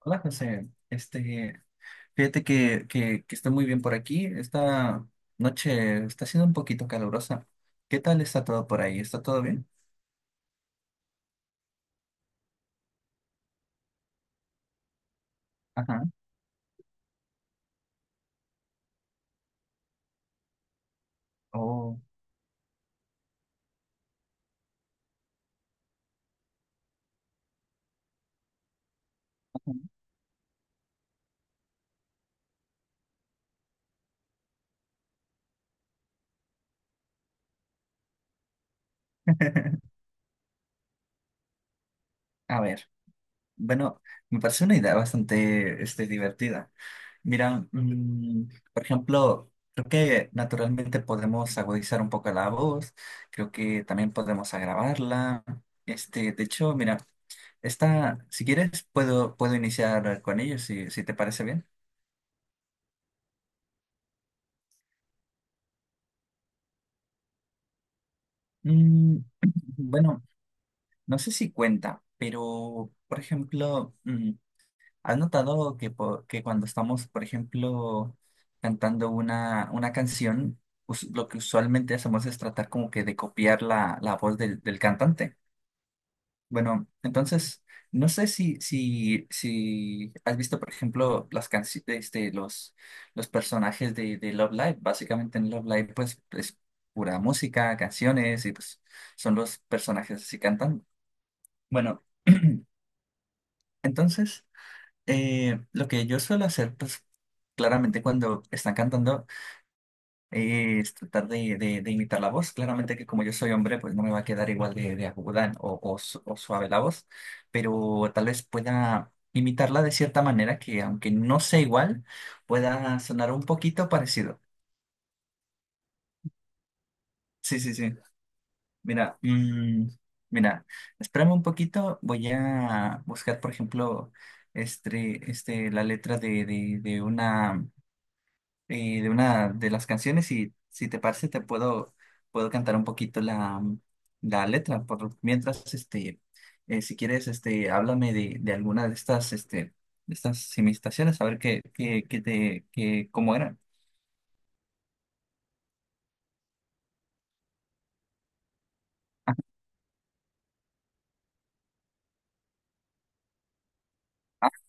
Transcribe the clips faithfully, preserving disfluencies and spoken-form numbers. Hola José, este, fíjate que, que, que está muy bien por aquí. Esta noche está siendo un poquito calurosa. ¿Qué tal está todo por ahí? ¿Está todo bien? Ajá. Oh. A ver, bueno, me parece una idea bastante este, divertida. Mira, mm, por ejemplo, creo que naturalmente podemos agudizar un poco la voz, creo que también podemos agravarla. Este, de hecho, mira. Está, si quieres, puedo, puedo iniciar con ellos, si, si te parece bien. Mm, bueno, no sé si cuenta, pero, por ejemplo, mm, ¿has notado que, po- que cuando estamos, por ejemplo, cantando una, una canción, us- lo que usualmente hacemos es tratar como que de copiar la, la voz del, del cantante? Bueno, entonces, no sé si, si, si has visto, por ejemplo, las canciones, este, los, los personajes de, de Love Live. Básicamente en Love Live, pues, es pura música, canciones, y pues son los personajes así cantando. Bueno, entonces, eh, lo que yo suelo hacer, pues, claramente cuando están cantando, eh, es tratar de, de- de imitar la voz. Claramente que como yo soy hombre, pues no me va a quedar igual de, de aguda o, o su- o suave la voz, pero tal vez pueda imitarla de cierta manera que aunque no sea igual, pueda sonar un poquito parecido. Sí, sí, sí. Mira, mm, mira, espérame un poquito, voy a buscar, por ejemplo, este, este, la letra de, de de una... eh, de una de las canciones, y si te parece te puedo, puedo cantar un poquito la, la letra. Por mientras, este, eh, si quieres, este, háblame de, de alguna de estas, este, de estas imitaciones, a ver qué, qué, qué te, qué, cómo eran.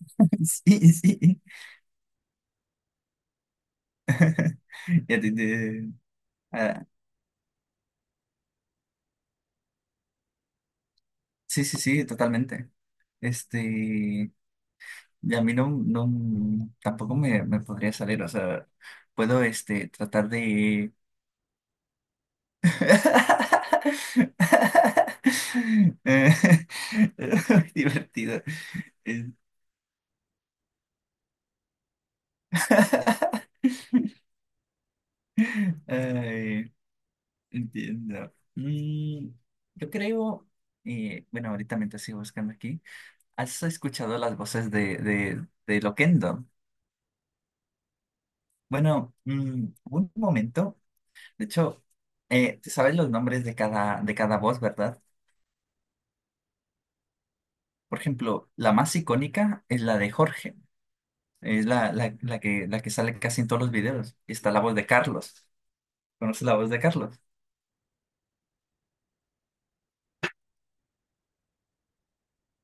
Sí, sí. Ya te- te- ah, sí, sí, sí, totalmente. Este, y a mí no, no, tampoco me, me podría salir, o sea, puedo, este, tratar de. Eh, es muy divertido. Eh, Ay, entiendo. Mm, yo creo, eh, bueno, ahorita mientras sigo buscando aquí, ¿has escuchado las voces de, de, de Loquendo? Bueno, mm, hubo un momento, de hecho, eh, te sabes los nombres de cada, de cada voz, ¿verdad? Por ejemplo, la más icónica es la de Jorge. Es la, la, la que, la que sale casi en todos los videos. Y está la voz de Carlos. ¿Conoces la voz de Carlos?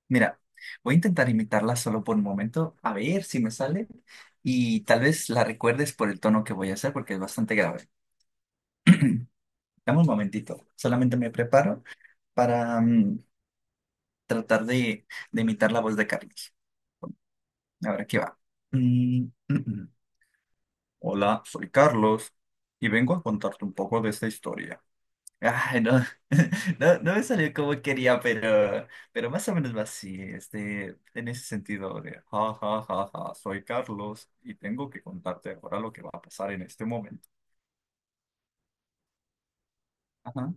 Mira, voy a intentar imitarla solo por un momento, a ver si me sale. Y tal vez la recuerdes por el tono que voy a hacer, porque es bastante grave. Dame un momentito. Solamente me preparo para, mm, tratar de, de imitar la voz de Carlos. Ahora aquí va. Mm, mm, mm. Hola, soy Carlos y vengo a contarte un poco de esta historia. Ay, no, no, no me salió como quería, pero, pero más o menos va así, este, en ese sentido de, ja, ja, ja, ja, soy Carlos y tengo que contarte ahora lo que va a pasar en este momento. Ajá,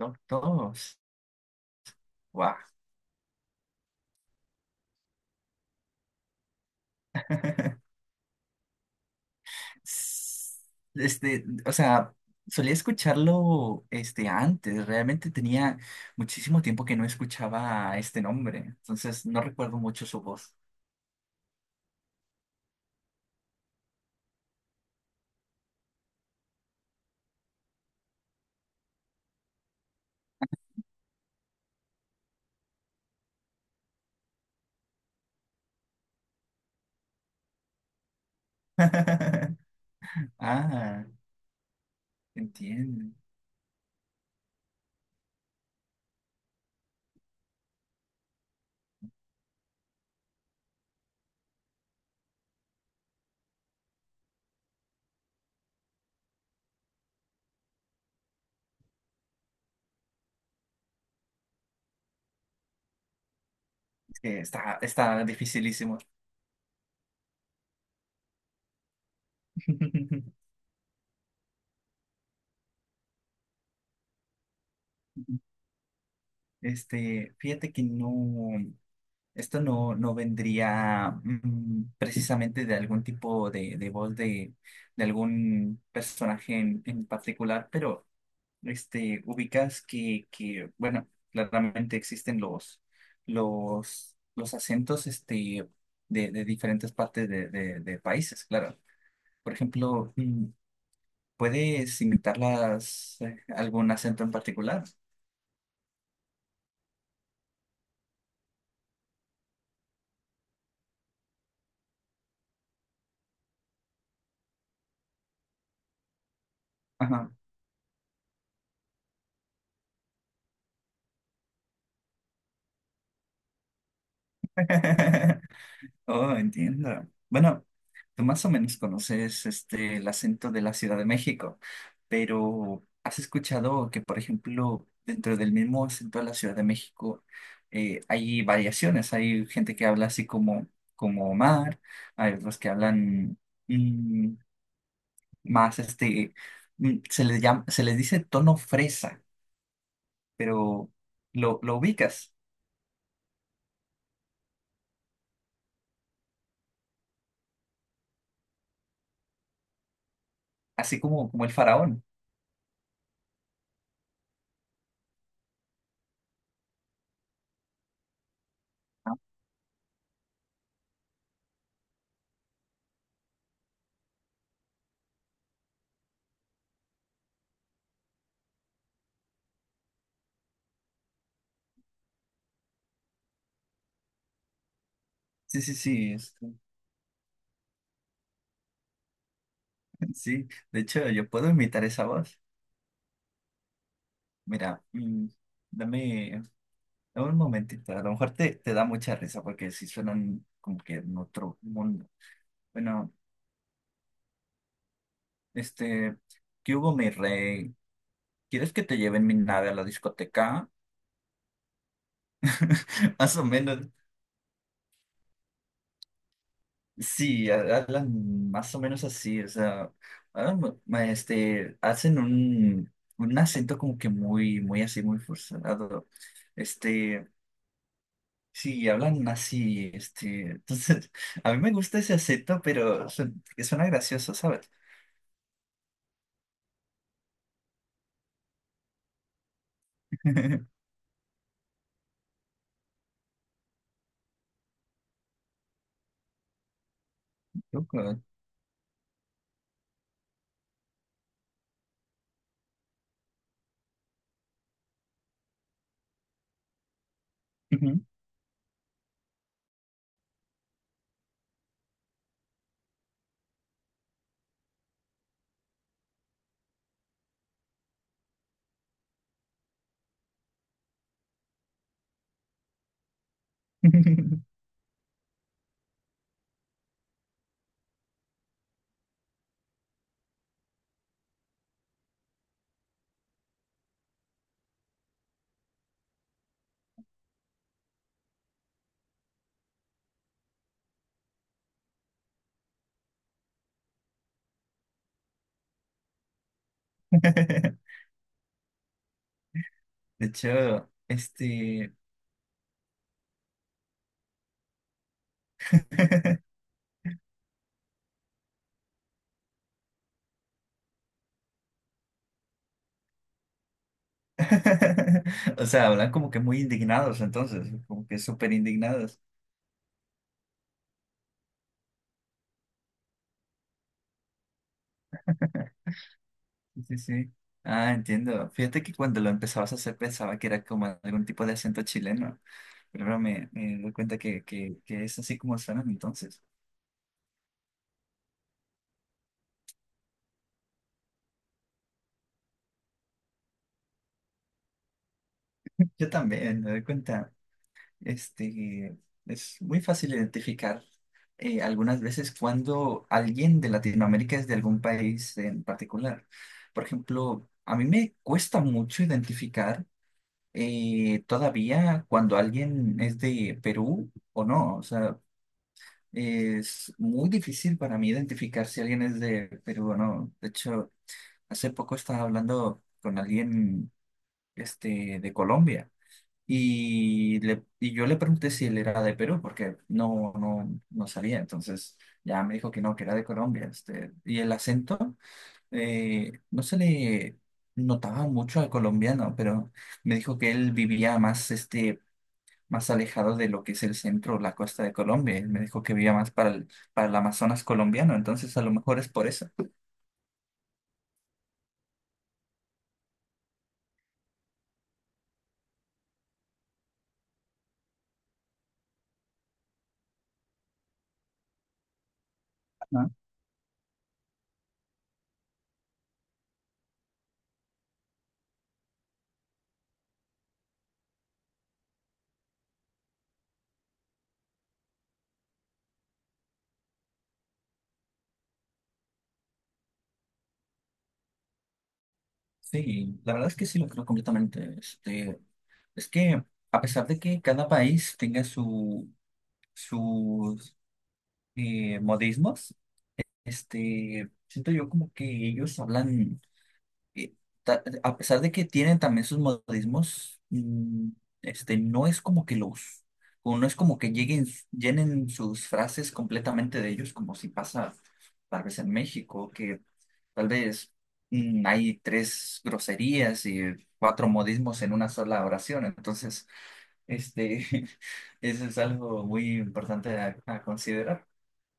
dos, dos, guau. S- Este, o sea, solía escucharlo, este, antes, realmente tenía muchísimo tiempo que no escuchaba este nombre, entonces no recuerdo mucho su voz. Ah, entiendo. Eh, está, está dificilísimo. Este, fíjate que no, esto no, no vendría, mm, precisamente, de algún tipo de, de voz de, de algún personaje en, en particular, pero, este, ubicas que, que, bueno, claramente existen los, los, los acentos, este, de, de diferentes partes de, de- de países, claro. Por ejemplo, mm, ¿Puedes invitarlas, eh, a algún acento en particular? Ajá. Oh, entiendo. Bueno, tú más o menos conoces este el acento de la Ciudad de México, pero ¿has escuchado que, por ejemplo, dentro del mismo acento de la Ciudad de México, eh, hay variaciones? Hay gente que habla así como, como Omar, hay otros que hablan, mm, más este, mm, se les llama, se les dice tono fresa. Pero lo, lo ubicas, así como, como el faraón. ¿No? Sí, sí, sí, es- sí. De hecho, yo puedo imitar esa voz. Mira, mm, dame, dame un momentito. A lo mejor te, te da mucha risa porque sí suenan como que en otro mundo. Bueno, este, ¿qué hubo, mi rey? ¿Quieres que te lleven mi nave a la discoteca? Más o menos. Sí, ha- hablan más o menos así, o sea, hablan, mu- ma- este, hacen un, un acento como que muy, muy así, muy forzado. Este, sí, hablan así, este, entonces, a mí me gusta ese acento, pero, su- que suena gracioso, ¿sabes? Loco. Ujú. De hecho, este, o sea, hablan como que muy indignados, entonces, como que súper indignados. Sí, sí. Ah, entiendo. Fíjate que cuando lo empezabas a hacer pensaba que era como algún tipo de acento chileno, pero ahora me, me doy cuenta que, que, que es así como suenan entonces. Yo también me doy cuenta, este, es muy fácil identificar, eh, algunas veces cuando alguien de Latinoamérica es de algún país en particular. Por ejemplo, a mí me cuesta mucho identificar, eh, todavía cuando alguien es de Perú o no. O sea, es muy difícil para mí identificar si alguien es de Perú o no. De hecho, hace poco estaba hablando con alguien, este, de Colombia, y, le, y yo le pregunté si él era de Perú porque no, no, no sabía. Entonces ya me dijo que no, que era de Colombia. Este, y el acento, eh, no se le notaba mucho al colombiano, pero me dijo que él vivía más, este, más alejado de lo que es el centro o la costa de Colombia. Él me dijo que vivía más para el, para el Amazonas colombiano, entonces a lo mejor es por eso. Ajá. Sí, la verdad es que sí lo creo completamente. Este, es que a pesar de que cada país tenga su, sus eh, modismos, este, siento yo como que ellos hablan, eh, ta- a pesar de que tienen también sus modismos, mm, este, no es como que los, o no es como que lleguen, llenen sus frases completamente de ellos, como si pasa tal vez en México, que tal vez, mm, hay tres groserías y cuatro modismos en una sola oración. Entonces, este, eso es algo muy importante a a considerar.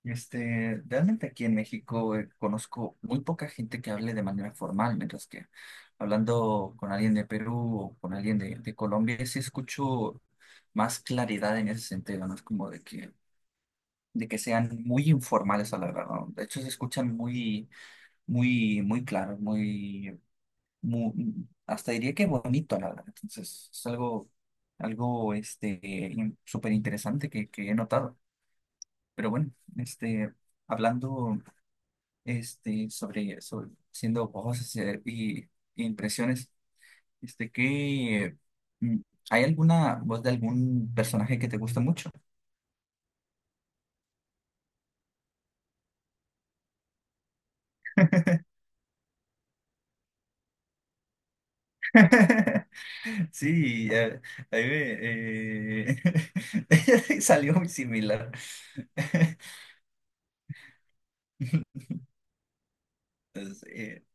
Este, realmente aquí en México, eh, conozco muy poca gente que hable de manera formal, mientras que hablando con alguien de Perú o con alguien de, de Colombia, sí escucho más claridad en ese sentido. No es como de que, de que sean muy informales a la verdad, ¿no? De hecho, se escuchan muy, muy, muy claros, muy, muy, hasta diría que bonito, la verdad. Entonces, es algo, algo, este, in- súper interesante que, que he notado. Pero bueno, este, hablando, este, sobre, sobre siendo voces, eh, y, y impresiones, este, que, mm, ¿hay alguna voz de algún personaje que te guste mucho? Sí, eh, a me, eh, salió muy similar. Entonces, eh,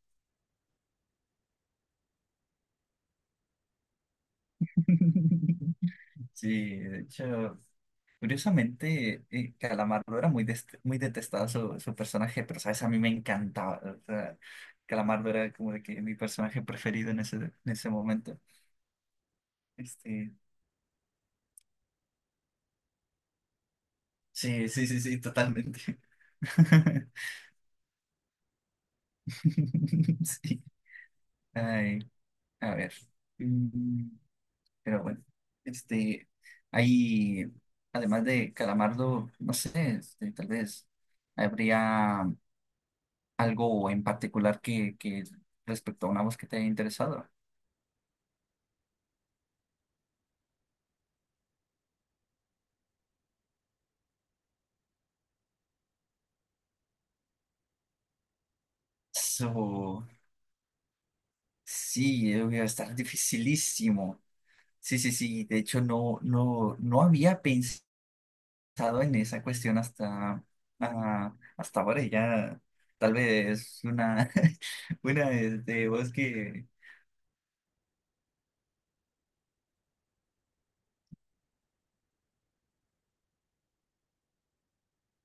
sí, de hecho. Curiosamente, eh, Calamardo era muy, dest- muy detestado su, su personaje, pero sabes, a mí me encantaba. O sea, Calamardo era como de que mi personaje preferido en ese, en ese momento. Este, Sí, sí, sí, sí, totalmente. Sí. Ay, a ver. Mm, Pero bueno, este, hay, además de Calamardo, no sé, este, tal vez habría algo en particular que, que respecto a una voz que te haya interesado. So, sí, eh, debe estar dificilísimo. Sí, sí, sí. De hecho, no, no, no había pensado en esa cuestión hasta, ah, hasta ahora. Y ya, tal vez una, una este, voz que.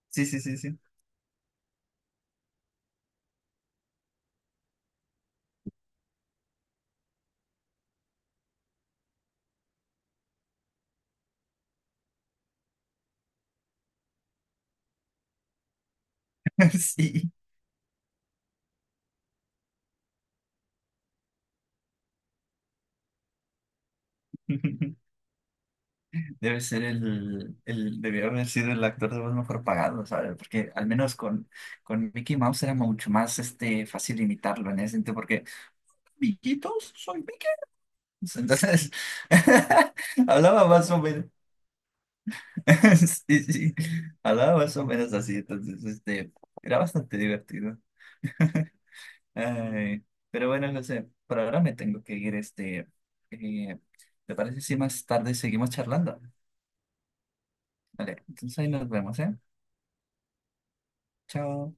Sí, sí, sí, sí. Sí. Debe ser el, el, debió haber sido el actor de voz mejor pagado, ¿sabes? Porque al menos con, con Mickey Mouse era mucho más este, fácil imitarlo en ese sentido, porque, amiguitos, soy Mickey Mouse. Entonces, hablaba más o menos, sí, sí, hablaba más o menos así, entonces, este, era bastante divertido. Ay, pero bueno, José, por ahora me tengo que ir, este, eh, ¿te parece si más tarde seguimos charlando? Vale, entonces ahí nos vemos, ¿eh? Chao.